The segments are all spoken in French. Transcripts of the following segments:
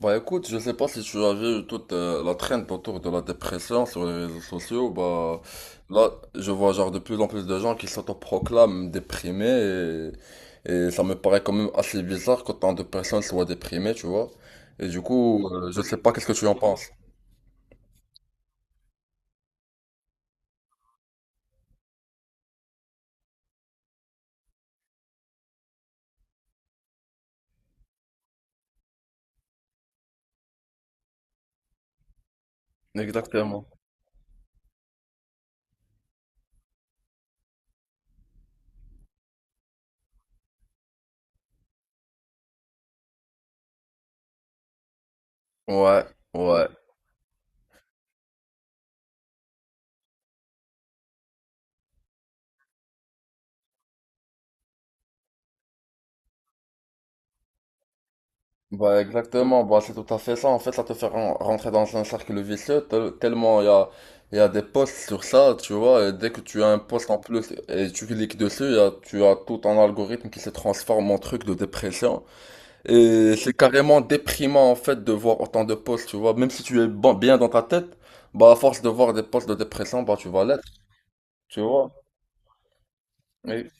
Bah écoute, je sais pas si tu as vu toute la traîne autour de la dépression sur les réseaux sociaux, bah là je vois genre de plus en plus de gens qui s'autoproclament déprimés et ça me paraît quand même assez bizarre qu'autant de personnes soient déprimées, tu vois. Et du coup, je sais pas qu'est-ce que tu en penses. Exactement. Ouais, ouais. Bah exactement, bah c'est tout à fait ça. En fait, ça te fait rentrer dans un cercle vicieux tellement il y a- des posts sur ça, tu vois. Et dès que tu as un post en plus et tu cliques dessus, tu as tout un algorithme qui se transforme en truc de dépression. Et c'est carrément déprimant en fait de voir autant de posts, tu vois. Même si tu es bien dans ta tête, bah à force de voir des posts de dépression, bah tu vas l'être, tu vois. Et,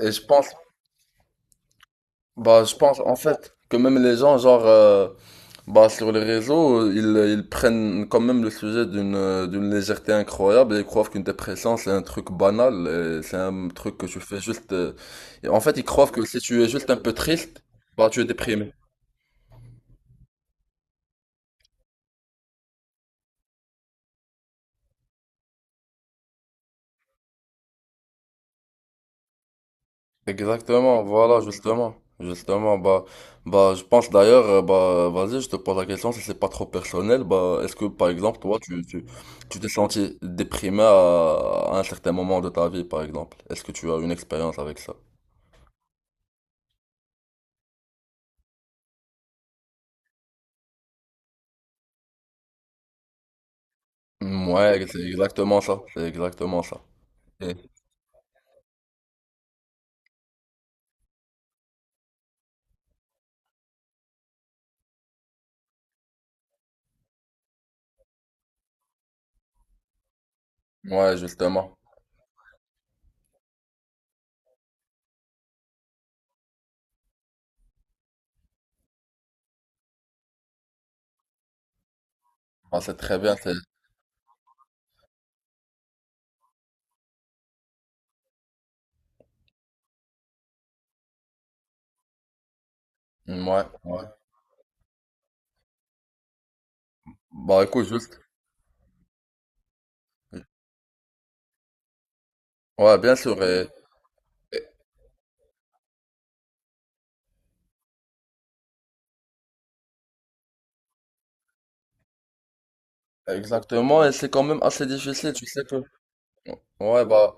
et je pense, bah je pense en fait que même les gens genre. Bah, sur les réseaux, ils prennent quand même le sujet d'une d'une légèreté incroyable et ils croient qu'une dépression c'est un truc banal, et c'est un truc que tu fais juste. Et en fait, ils croient que si tu es juste un peu triste, bah tu es déprimé. Exactement, voilà, justement, justement. Bah, je pense d'ailleurs, bah, vas-y, je te pose la question si c'est pas trop personnel. Bah, est-ce que par exemple, toi, tu t'es senti déprimé à un certain moment de ta vie, par exemple? Est-ce que tu as une expérience avec ça? Mm, ouais, c'est exactement ça. C'est exactement ça. Et- ouais, justement. Ah, c'est très bien. C'est. Mm, ouais, ouais. Bah écoute, juste. Ouais, bien sûr. Et- Exactement. Et c'est quand même assez difficile. Tu sais que. Ouais, bah,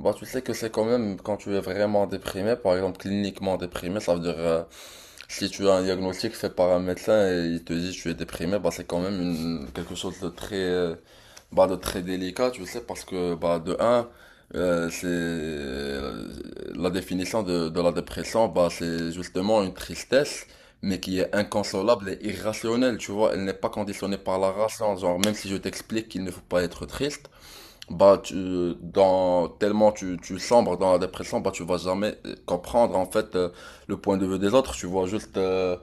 bah, tu sais que c'est quand même quand tu es vraiment déprimé, par exemple cliniquement déprimé, ça veut dire si tu as un diagnostic fait par un médecin et il te dit tu es déprimé, bah, c'est quand même une, quelque chose de très, bah, de très délicat, tu sais, parce que bah, de un, c'est la définition de la dépression, bah, c'est justement une tristesse, mais qui est inconsolable et irrationnelle, tu vois, elle n'est pas conditionnée par la raison, genre même si je t'explique qu'il ne faut pas être triste. Bah, tellement tu sombres dans la dépression, bah, tu vas jamais comprendre, en fait, le point de vue des autres. Tu vois juste, euh,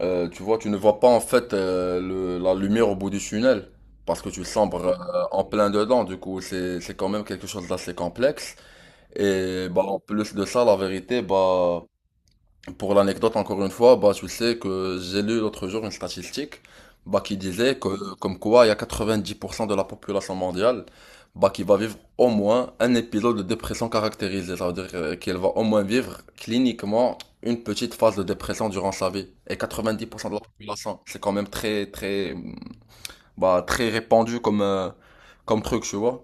euh, tu vois, tu ne vois pas, en fait, la lumière au bout du tunnel. Parce que tu sombres en plein dedans, du coup, c'est quand même quelque chose d'assez complexe. Et, bah, en plus de ça, la vérité, bah, pour l'anecdote, encore une fois, bah, tu sais que j'ai lu l'autre jour une statistique bah, qui disait que comme quoi il y a 90% de la population mondiale bah, qui va vivre au moins un épisode de dépression caractérisée. Ça veut dire qu'elle va au moins vivre cliniquement une petite phase de dépression durant sa vie. Et 90% de la population, c'est quand même très, très, bah, très répandu comme truc, tu vois.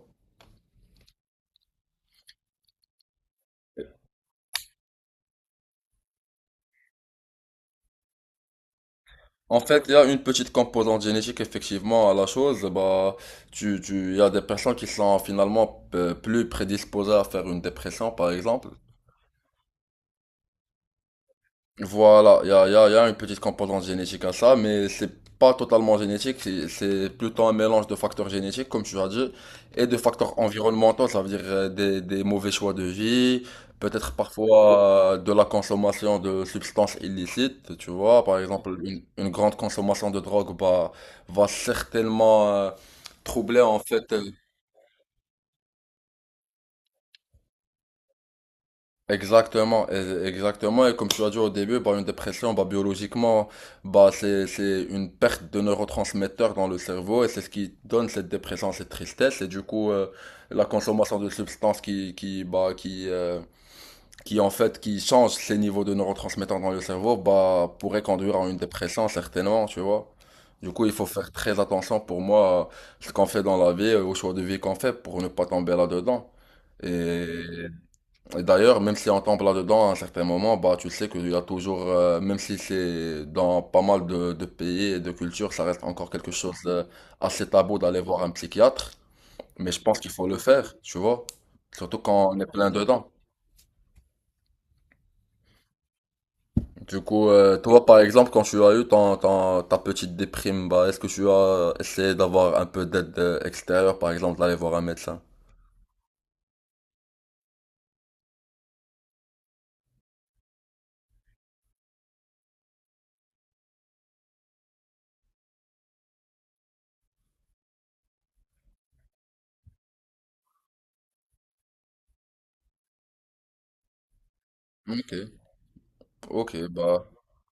En fait, il y a une petite composante génétique effectivement à la chose. Bah, il y a des personnes qui sont finalement plus prédisposées à faire une dépression, par exemple. Voilà, il y a une petite composante génétique à ça, mais c'est pas totalement génétique, c'est plutôt un mélange de facteurs génétiques, comme tu as dit, et de facteurs environnementaux, ça veut dire des mauvais choix de vie, peut-être parfois de la consommation de substances illicites, tu vois, par exemple, une grande consommation de drogue bah, va certainement troubler en fait. Exactement, exactement. Et comme tu as dit au début, bah, une dépression, bah, biologiquement, bah, c'est une perte de neurotransmetteurs dans le cerveau et c'est ce qui donne cette dépression, cette tristesse. Et du coup, la consommation de substances qui, bah, qui en fait, qui change ces niveaux de neurotransmetteurs dans le cerveau, bah, pourrait conduire à une dépression, certainement, tu vois. Du coup, il faut faire très attention pour moi à ce qu'on fait dans la vie, au choix de vie qu'on fait pour ne pas tomber là-dedans. Et et d'ailleurs, même si on tombe là-dedans à un certain moment, bah, tu sais qu'il y a toujours, même si c'est dans pas mal de pays et de cultures, ça reste encore quelque chose d'assez tabou d'aller voir un psychiatre. Mais je pense qu'il faut le faire, tu vois. Surtout quand on est plein dedans. Du coup, toi, par exemple, quand tu as eu ton, ta petite déprime, bah, est-ce que tu as essayé d'avoir un peu d'aide extérieure, par exemple, d'aller voir un médecin? Ok, ok, bah.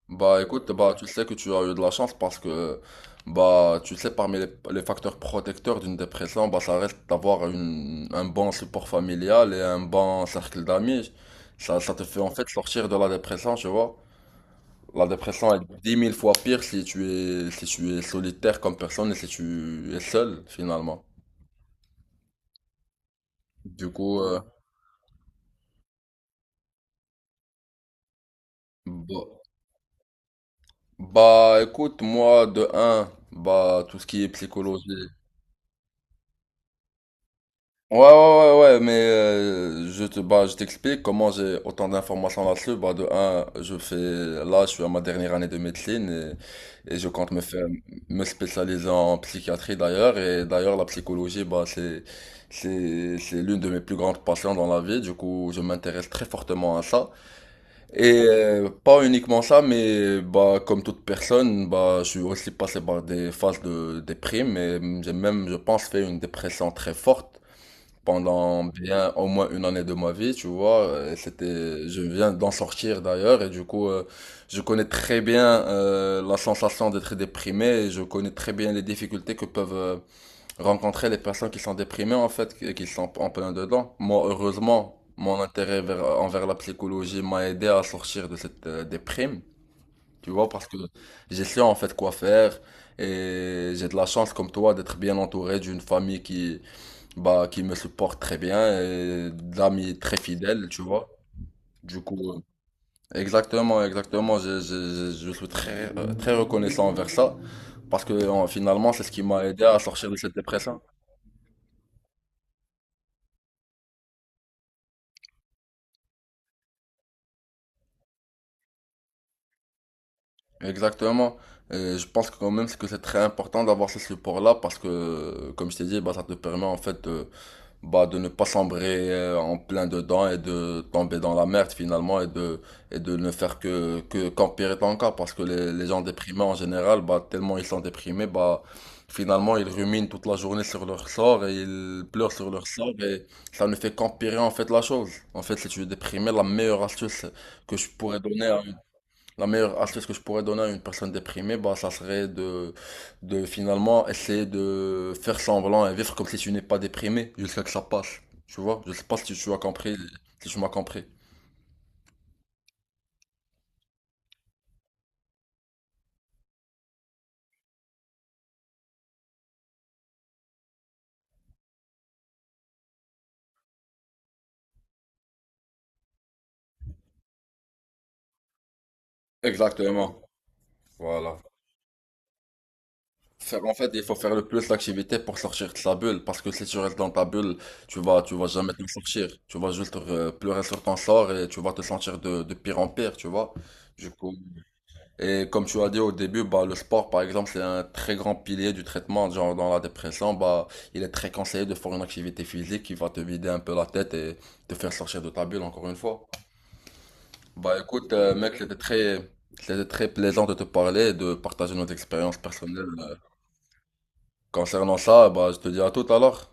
Bah écoute, bah tu sais que tu as eu de la chance parce que bah tu sais parmi les facteurs protecteurs d'une dépression, bah ça reste d'avoir un bon support familial et un bon cercle d'amis. Ça te fait en fait sortir de la dépression, tu vois. La dépression est 10 000 fois pire si tu es solitaire comme personne et si tu es seul finalement. Du coup, bah, bah, écoute, moi de un, bah tout ce qui est psychologie. Ouais, ouais, ouais, ouais, mais bah, je t'explique comment j'ai autant d'informations là-dessus. Bah, de un, là, je suis à ma dernière année de médecine et je compte me spécialiser en psychiatrie d'ailleurs. Et d'ailleurs, la psychologie, bah, c'est l'une de mes plus grandes passions dans la vie. Du coup, je m'intéresse très fortement à ça. Et pas uniquement ça, mais bah, comme toute personne, bah, je suis aussi passé par des phases de déprime et j'ai même, je pense, fait une dépression très forte pendant bien au moins une année de ma vie, tu vois. Je viens d'en sortir d'ailleurs et du coup, je connais très bien la sensation d'être déprimé et je connais très bien les difficultés que peuvent rencontrer les personnes qui sont déprimées en fait, et qui sont en plein dedans. Moi, heureusement, mon intérêt envers la psychologie m'a aidé à sortir de cette déprime, tu vois, parce que j'ai su en fait quoi faire et j'ai de la chance comme toi d'être bien entouré d'une famille qui bah, qui me supporte très bien et d'amis très fidèles, tu vois. Du coup, exactement, exactement, je suis très, très reconnaissant envers ça parce que finalement, c'est ce qui m'a aidé à sortir de cette dépression. Exactement. Et je pense quand même que c'est très important d'avoir ce support-là parce que, comme je t'ai dit, bah, ça te permet en fait de, bah, de ne pas sombrer en plein dedans et de tomber dans la merde finalement et de ne faire que, qu'empirer ton cas parce que les gens déprimés en général, bah, tellement ils sont déprimés, bah, finalement ils ruminent toute la journée sur leur sort et ils pleurent sur leur sort et ça ne fait qu'empirer en fait la chose. En fait, si tu es déprimé, que je pourrais donner à la meilleure astuce que je pourrais donner à une personne déprimée, bah, ça serait de, finalement essayer de faire semblant et vivre comme si tu n'es pas déprimé jusqu'à que ça passe. Tu vois? Je sais pas si tu as compris, si tu m'as compris. Exactement. Voilà. En fait, il faut faire le plus d'activités pour sortir de sa bulle, parce que si tu restes dans ta bulle, tu vas jamais t'en sortir. Tu vas juste pleurer sur ton sort et tu vas te sentir de pire en pire, tu vois. Du coup, et comme tu as dit au début, bah, le sport, par exemple, c'est un très grand pilier du traitement. Genre, dans la dépression, bah, il est très conseillé de faire une activité physique qui va te vider un peu la tête et te faire sortir de ta bulle, encore une fois. Bah, écoute, mec, c'était très plaisant de te parler et de partager nos expériences personnelles. Concernant ça, bah, je te dis à tout alors.